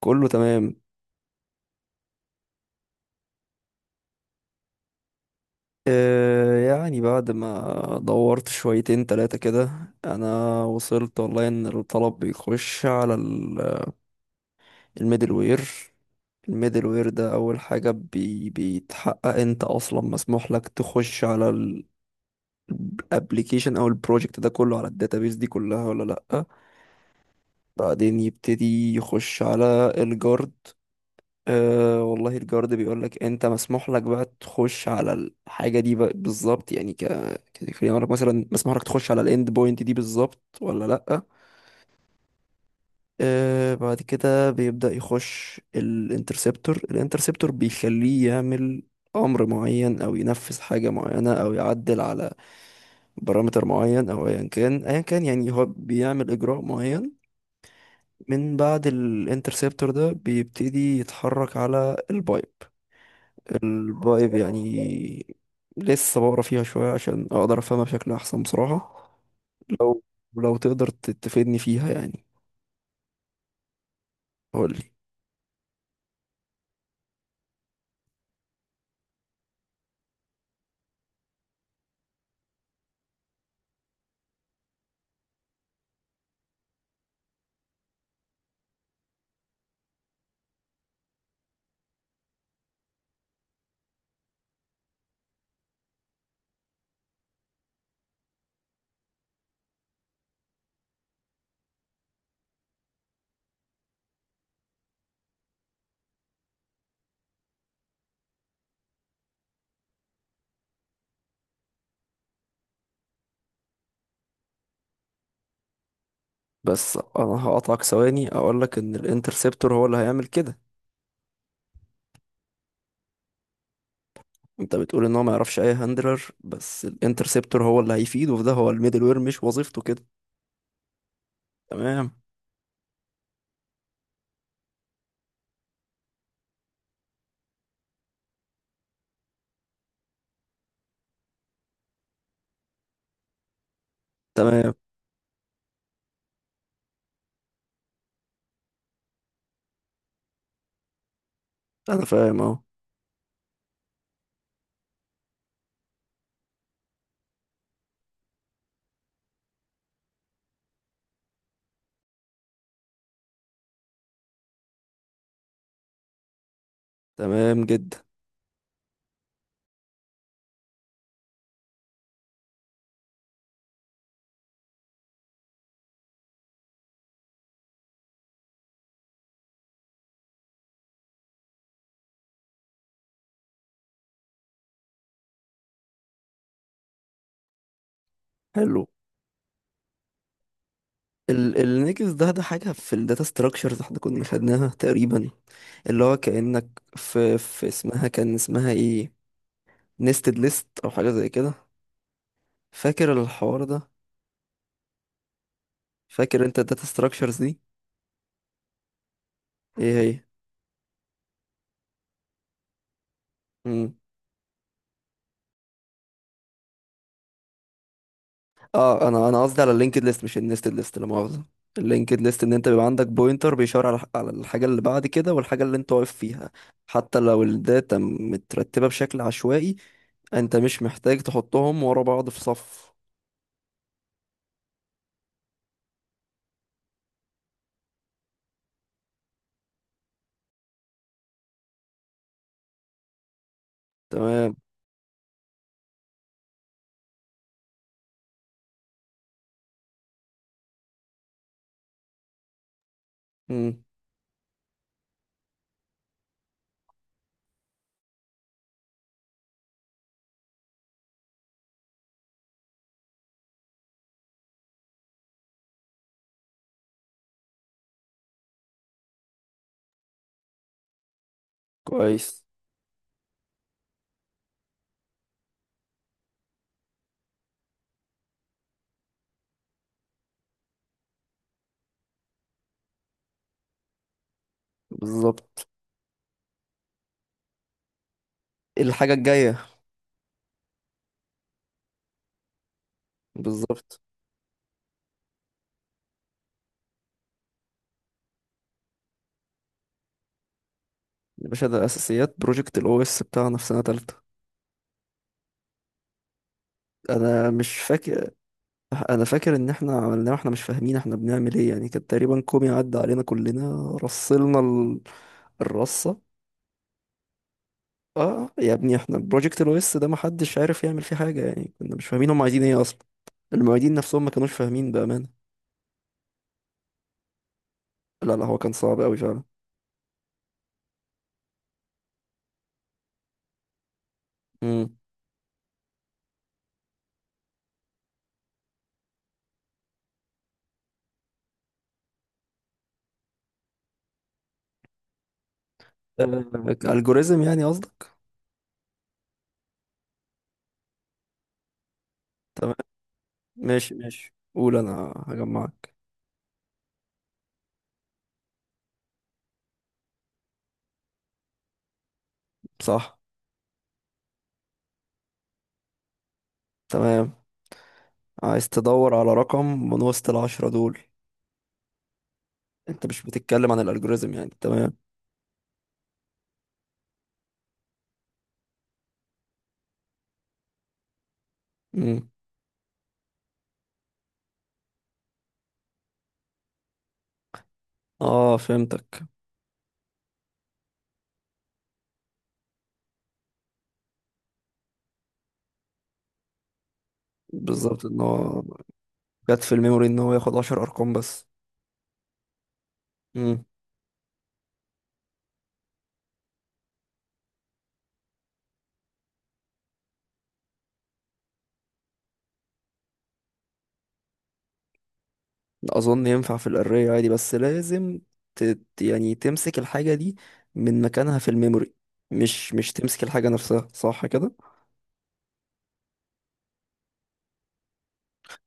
كله تمام. آه يعني بعد ما دورت شويتين تلاتة كده، انا وصلت والله ان الطلب بيخش على ال- الميدل وير. الميدل وير ده اول حاجة بيتحقق انت اصلا مسموح لك تخش على الابليكيشن او البروجكت ده كله على الداتابيس دي كلها ولا لا. بعدين يبتدي يخش على الجارد. أه والله الجارد بيقول لك انت مسموح لك بقى تخش على الحاجه دي بقى بالظبط، يعني كخلينا لك مثلا مسموح لك تخش على الاند بوينت دي بالظبط ولا لا. أه بعد كده بيبدا يخش الانترسبتور. الانترسبتور بيخليه يعمل امر معين او ينفذ حاجه معينه او يعدل على بارامتر معين او ايا كان. يعني هو بيعمل اجراء معين. من بعد الانترسبتور ده بيبتدي يتحرك على البايب، الفايب يعني. لسه بقرا فيها شوية عشان أقدر أفهمها بشكل أحسن بصراحة. لو لو تقدر تفيدني فيها يعني. قولي. بس أنا هقطعك ثواني أقولك إن الانترسبتور هو اللي هيعمل كده. أنت بتقول إن هو ما يعرفش أي هاندلر، بس الانترسبتور هو اللي هيفيده في ده، هو الميدل وير مش وظيفته كده؟ تمام. تمام، أنا فاهم أهو. تمام جدا. حلو. ال النكس ده ده حاجة في الداتا ستراكشرز احنا كنا خدناها تقريبا، اللي هو كأنك في اسمها، كان اسمها ايه؟ نيستد ليست او حاجة زي كده. فاكر الحوار ده؟ فاكر انت الداتا ستراكشرز دي؟ ايه هي؟ مم. اه انا قصدي على اللينكد ليست مش النيستد ليست، لا مؤاخذة. اللينكد ليست ان انت بيبقى عندك بوينتر بيشاور على الحاجة اللي بعد كده والحاجة اللي انت واقف فيها. حتى لو الداتا مترتبة بشكل عشوائي، انت مش محتاج تحطهم ورا بعض في صف. تمام. مم. كويس. بالظبط، الحاجة الجاية. بالظبط. يا باشا ده اساسيات بروجكت الاو اس بتاعنا في سنه تالتة. انا مش فاكر. انا فاكر ان احنا عملناه واحنا مش فاهمين احنا بنعمل ايه، يعني كان تقريبا كومي عدى علينا كلنا، رصلنا ال... الرصه. اه يا ابني احنا بروجكت الاو اس ده محدش عارف يعمل فيه حاجه، يعني كنا مش فاهمين هم عايزين ايه اصلا. المعيدين نفسهم ما كانوش فاهمين بامانه. لا لا هو كان صعب قوي فعلا. امم، الجوريزم يعني قصدك؟ تمام. ماشي ماشي قول، انا هجمعك. صح. تمام، عايز تدور على رقم من وسط العشرة دول. انت مش بتتكلم عن الالجوريزم يعني؟ تمام. مم. اه فهمتك. بالظبط، ان هو جت في الميموري ان هو ياخد عشر ارقام بس. مم. اظن ينفع في الاري عادي بس لازم يعني تمسك الحاجة دي من مكانها في الميموري، مش مش تمسك الحاجة نفسها، صح كده؟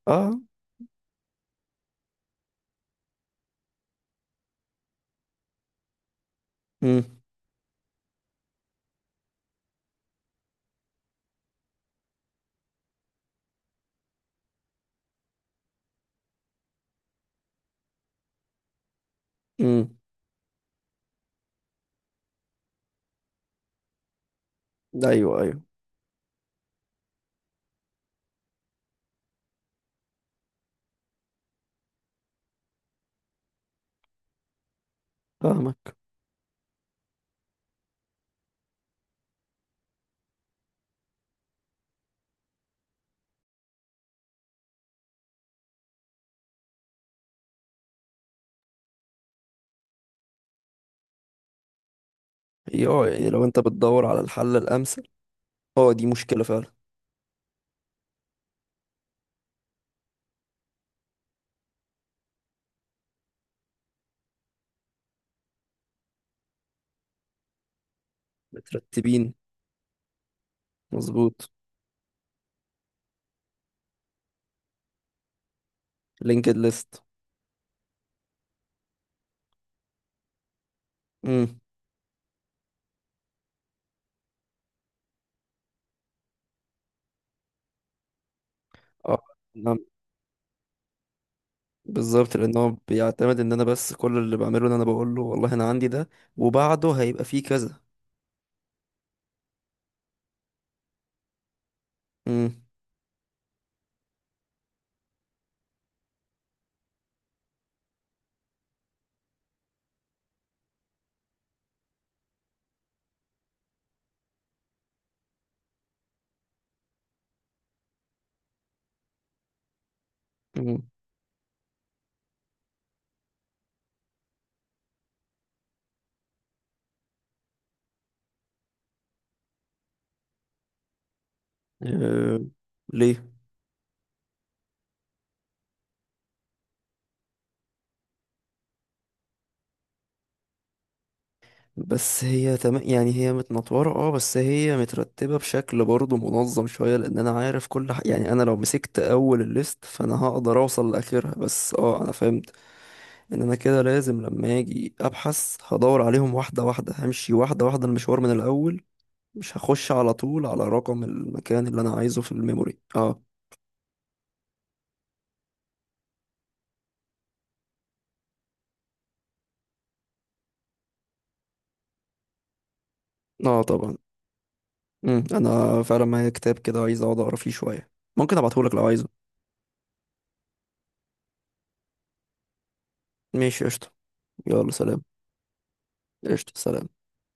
اه. مم. مم. ايوه ايوه. فاهمك. هي اه، يعني لو انت بتدور على الحل الامثل. اه دي مشكلة فعلا. مترتبين. مظبوط. لينكد ليست. امم. اه. نعم. بالظبط، لان هو بيعتمد ان انا، بس كل اللي بعمله ان انا بقول له والله انا عندي ده وبعده هيبقى فيه كذا. امم. امم. أه. ليه؟ بس هي يعني هي متنطوره اه، بس هي مترتبه بشكل برضه منظم شويه، لان انا عارف يعني انا لو مسكت اول الليست فانا هقدر اوصل لاخرها. بس اه انا فهمت ان انا كده لازم لما اجي ابحث هدور عليهم واحده واحده، همشي واحده واحده المشوار من الاول. مش هخش على طول على رقم المكان اللي انا عايزه في الميموري. اه. اه طبعا. مم. انا فعلا معايا كتاب كده عايز اقعد اقرا فيه شويه. ممكن ابعتهولك لو عايزه. ماشي قشطه. يلا سلام. قشطه سلام.